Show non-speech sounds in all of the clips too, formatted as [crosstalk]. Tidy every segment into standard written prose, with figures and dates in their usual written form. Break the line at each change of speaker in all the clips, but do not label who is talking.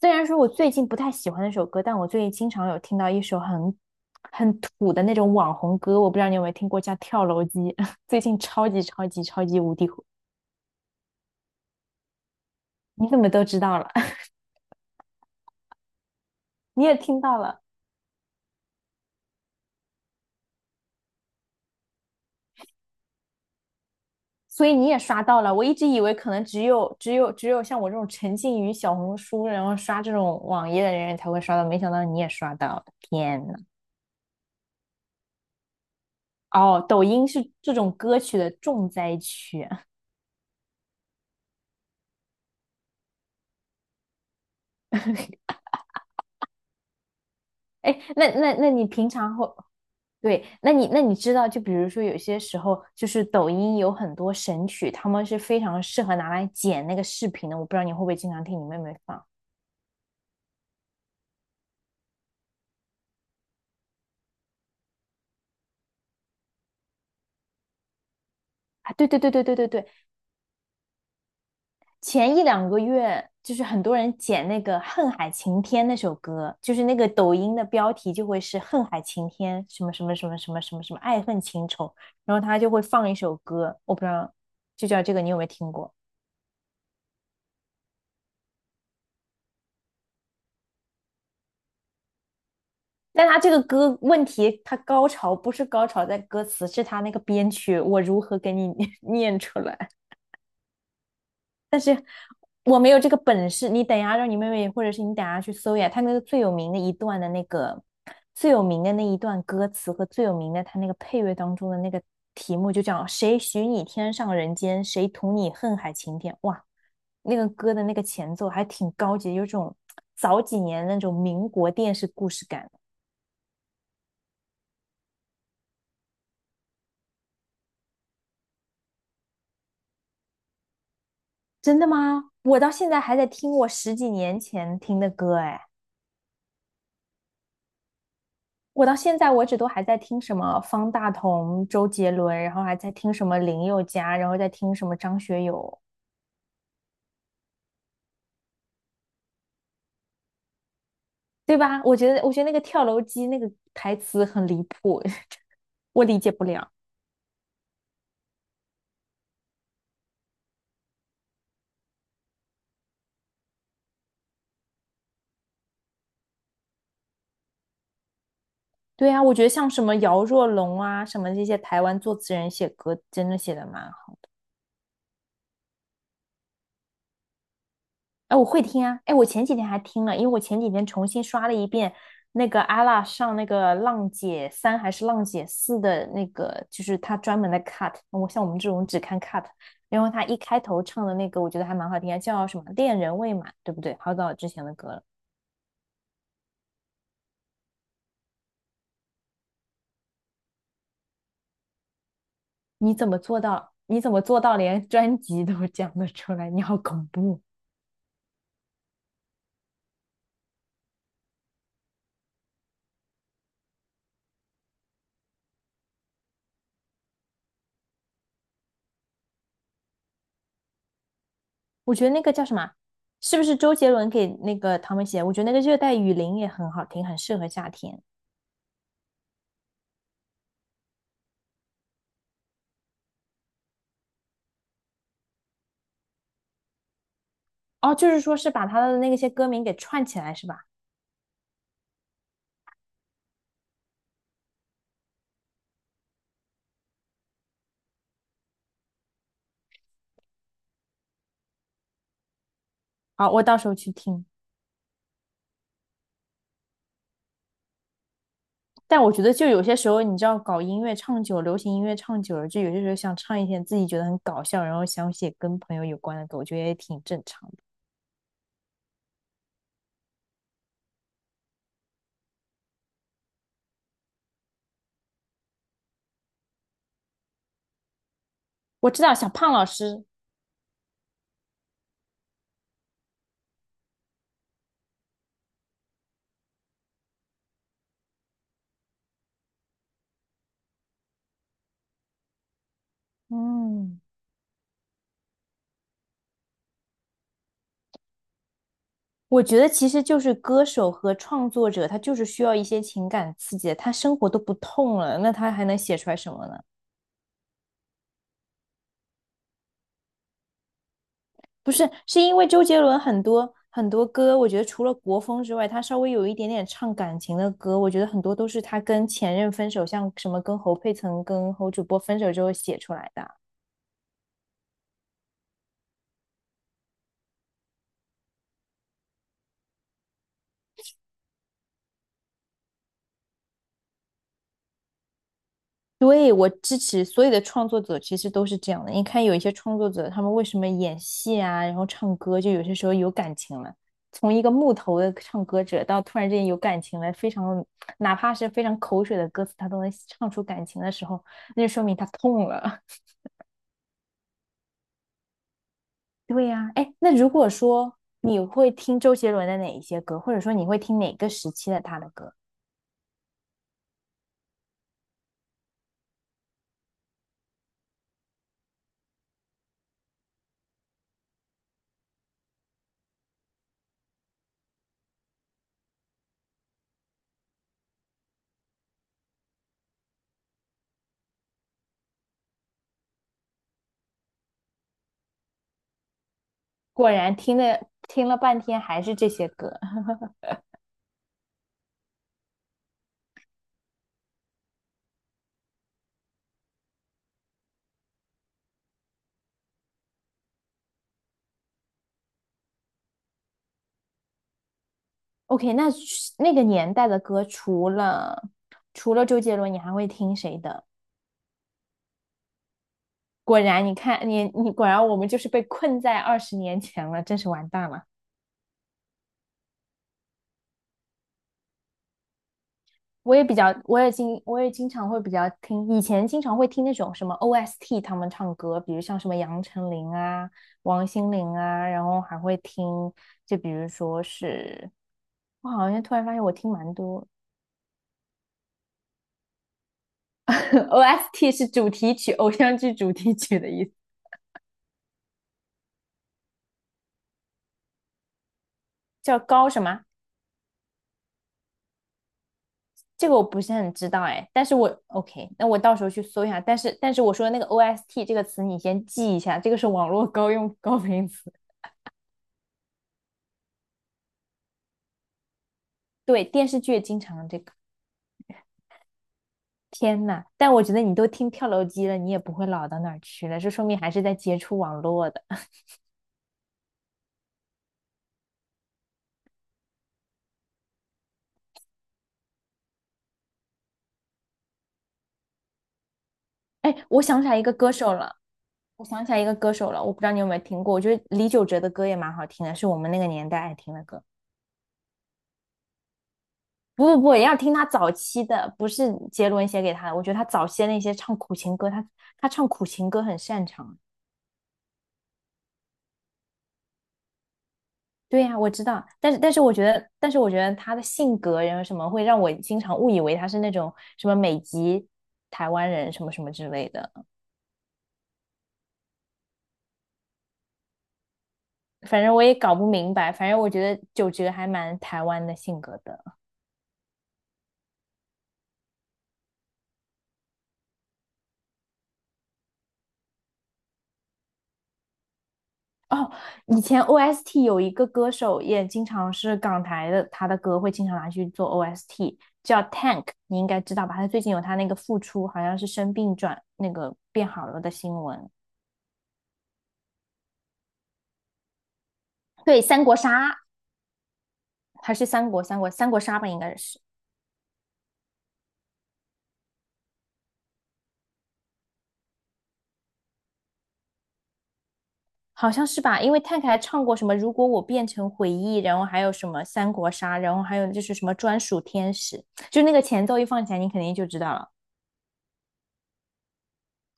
虽然说我最近不太喜欢那首歌，但我最近经常有听到一首很土的那种网红歌，我不知道你有没有听过，叫《跳楼机》，[laughs] 最近超级超级超级无敌火。你怎么都知道了？[laughs] 你也听到了，所以你也刷到了。我一直以为可能只有像我这种沉浸于小红书，然后刷这种网页的人才会刷到，没想到你也刷到了，天呐！哦，抖音是这种歌曲的重灾区啊。[laughs] 哎，那你平常会对，那你知道，就比如说有些时候，就是抖音有很多神曲，他们是非常适合拿来剪那个视频的。我不知道你会不会经常听你妹妹放啊？对，前一两个月就是很多人剪那个《恨海晴天》那首歌，就是那个抖音的标题就会是《恨海晴天》什么什么什么什么什么什么爱恨情仇，然后他就会放一首歌，我不知道就叫这个，你有没有听过？但他这个歌问题，他高潮不是高潮在歌词，是他那个编曲，我如何给你 [laughs] 念出来？我没有这个本事。你等一下让你妹妹，或者是你等一下去搜一下他那个最有名的一段的那个最有名的那一段歌词和最有名的他那个配乐当中的那个题目就叫“谁许你天上人间，谁图你恨海情天”。哇，那个歌的那个前奏还挺高级，有种早几年那种民国电视故事感。真的吗？我到现在还在听我十几年前听的歌，哎，我到现在为止都还在听什么方大同、周杰伦，然后还在听什么林宥嘉，然后在听什么张学友，对吧？我觉得那个跳楼机那个台词很离谱，[laughs] 我理解不了。对啊，我觉得像什么姚若龙啊，什么这些台湾作词人写歌，真的写的蛮好。哎，我会听啊！哎，我前几天还听了，因为我前几天重新刷了一遍那个阿拉上那个《浪姐三》还是《浪姐四》的那个，就是他专门的 cut。我像我们这种只看 cut，然后他一开头唱的那个，我觉得还蛮好听啊，叫什么“恋人未满”，对不对？好早之前的歌了。你怎么做到？你怎么做到连专辑都讲得出来？你好恐怖！我觉得那个叫什么？是不是周杰伦给那个他们写？我觉得那个《热带雨林》也很好听，很适合夏天。哦，就是说是把他的那些歌名给串起来是吧？好，我到时候去听。但我觉得就有些时候，你知道，搞音乐唱久，流行音乐唱久了，就有些时候想唱一些自己觉得很搞笑，然后想写跟朋友有关的歌，我觉得也挺正常的。我知道小胖老师，嗯，我觉得其实就是歌手和创作者，他就是需要一些情感刺激的，他生活都不痛了，那他还能写出来什么呢？不是，是因为周杰伦很多歌，我觉得除了国风之外，他稍微有一点点唱感情的歌，我觉得很多都是他跟前任分手，像什么跟侯佩岑、跟侯主播分手之后写出来的。对，我支持所有的创作者，其实都是这样的。你看有一些创作者，他们为什么演戏啊，然后唱歌，就有些时候有感情了。从一个木头的唱歌者到突然之间有感情了，非常哪怕是非常口水的歌词，他都能唱出感情的时候，那就说明他痛了。对呀，哎，那如果说你会听周杰伦的哪一些歌，或者说你会听哪个时期的他的歌？果然听了半天还是这些歌。[laughs] OK，那那个年代的歌，除了周杰伦，你还会听谁的？果然，你看你果然我们就是被困在二十年前了，真是完蛋了。我也经常会比较听，以前经常会听那种什么 OST 他们唱歌，比如像什么杨丞琳啊、王心凌啊，然后还会听，就比如说是，我好像突然发现我听蛮多 [laughs] OST 是主题曲，偶像剧主题曲的意思，叫高什么？这个我不是很知道哎，但是我 OK，那我到时候去搜一下。但是我说的那个 OST 这个词，你先记一下，这个是网络高用高频词。对，电视剧也经常这个。天呐，但我觉得你都听跳楼机了，你也不会老到哪儿去了，这说明还是在接触网络的。哎，我想起来一个歌手了，我不知道你有没有听过，我觉得李玖哲的歌也蛮好听的，是我们那个年代爱听的歌。不不不，要听他早期的，不是杰伦写给他的。我觉得他早期的那些唱苦情歌，他唱苦情歌很擅长。对呀，我知道，但是我觉得，但是我觉得他的性格然后什么会让我经常误以为他是那种什么美籍台湾人什么什么之类的。反正我也搞不明白，反正我觉得九哲还蛮台湾的性格的哦。以前 OST 有一个歌手也经常是港台的，他的歌会经常拿去做 OST，叫 Tank，你应该知道吧？他最近有他那个复出，好像是生病转那个变好了的新闻。对，三国杀还是三国杀吧，应该是好像是吧？因为 Tank 还唱过什么如果我变成回忆，然后还有什么三国杀，然后还有就是什么专属天使，就那个前奏一放起来，你肯定就知道了。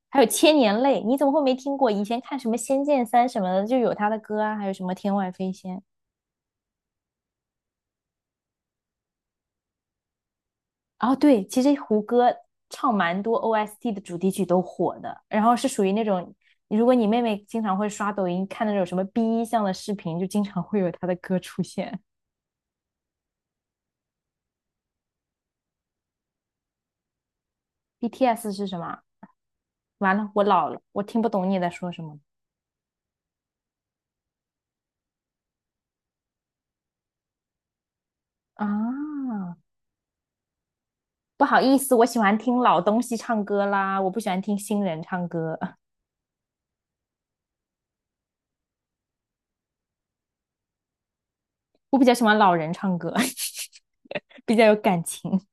还有千年泪，你怎么会没听过？以前看什么《仙剑三》什么的，就有他的歌啊，还有什么《天外飞仙》。哦，对，其实胡歌唱蛮多 OST 的主题曲都火的，然后是属于那种，如果你妹妹经常会刷抖音看那种什么 B 一项的视频，就经常会有他的歌出现。BTS 是什么？完了，我老了，我听不懂你在说什么啊！不好意思，我喜欢听老东西唱歌啦，我不喜欢听新人唱歌。[laughs] 我比较喜欢老人唱歌，[laughs] 比较有感情。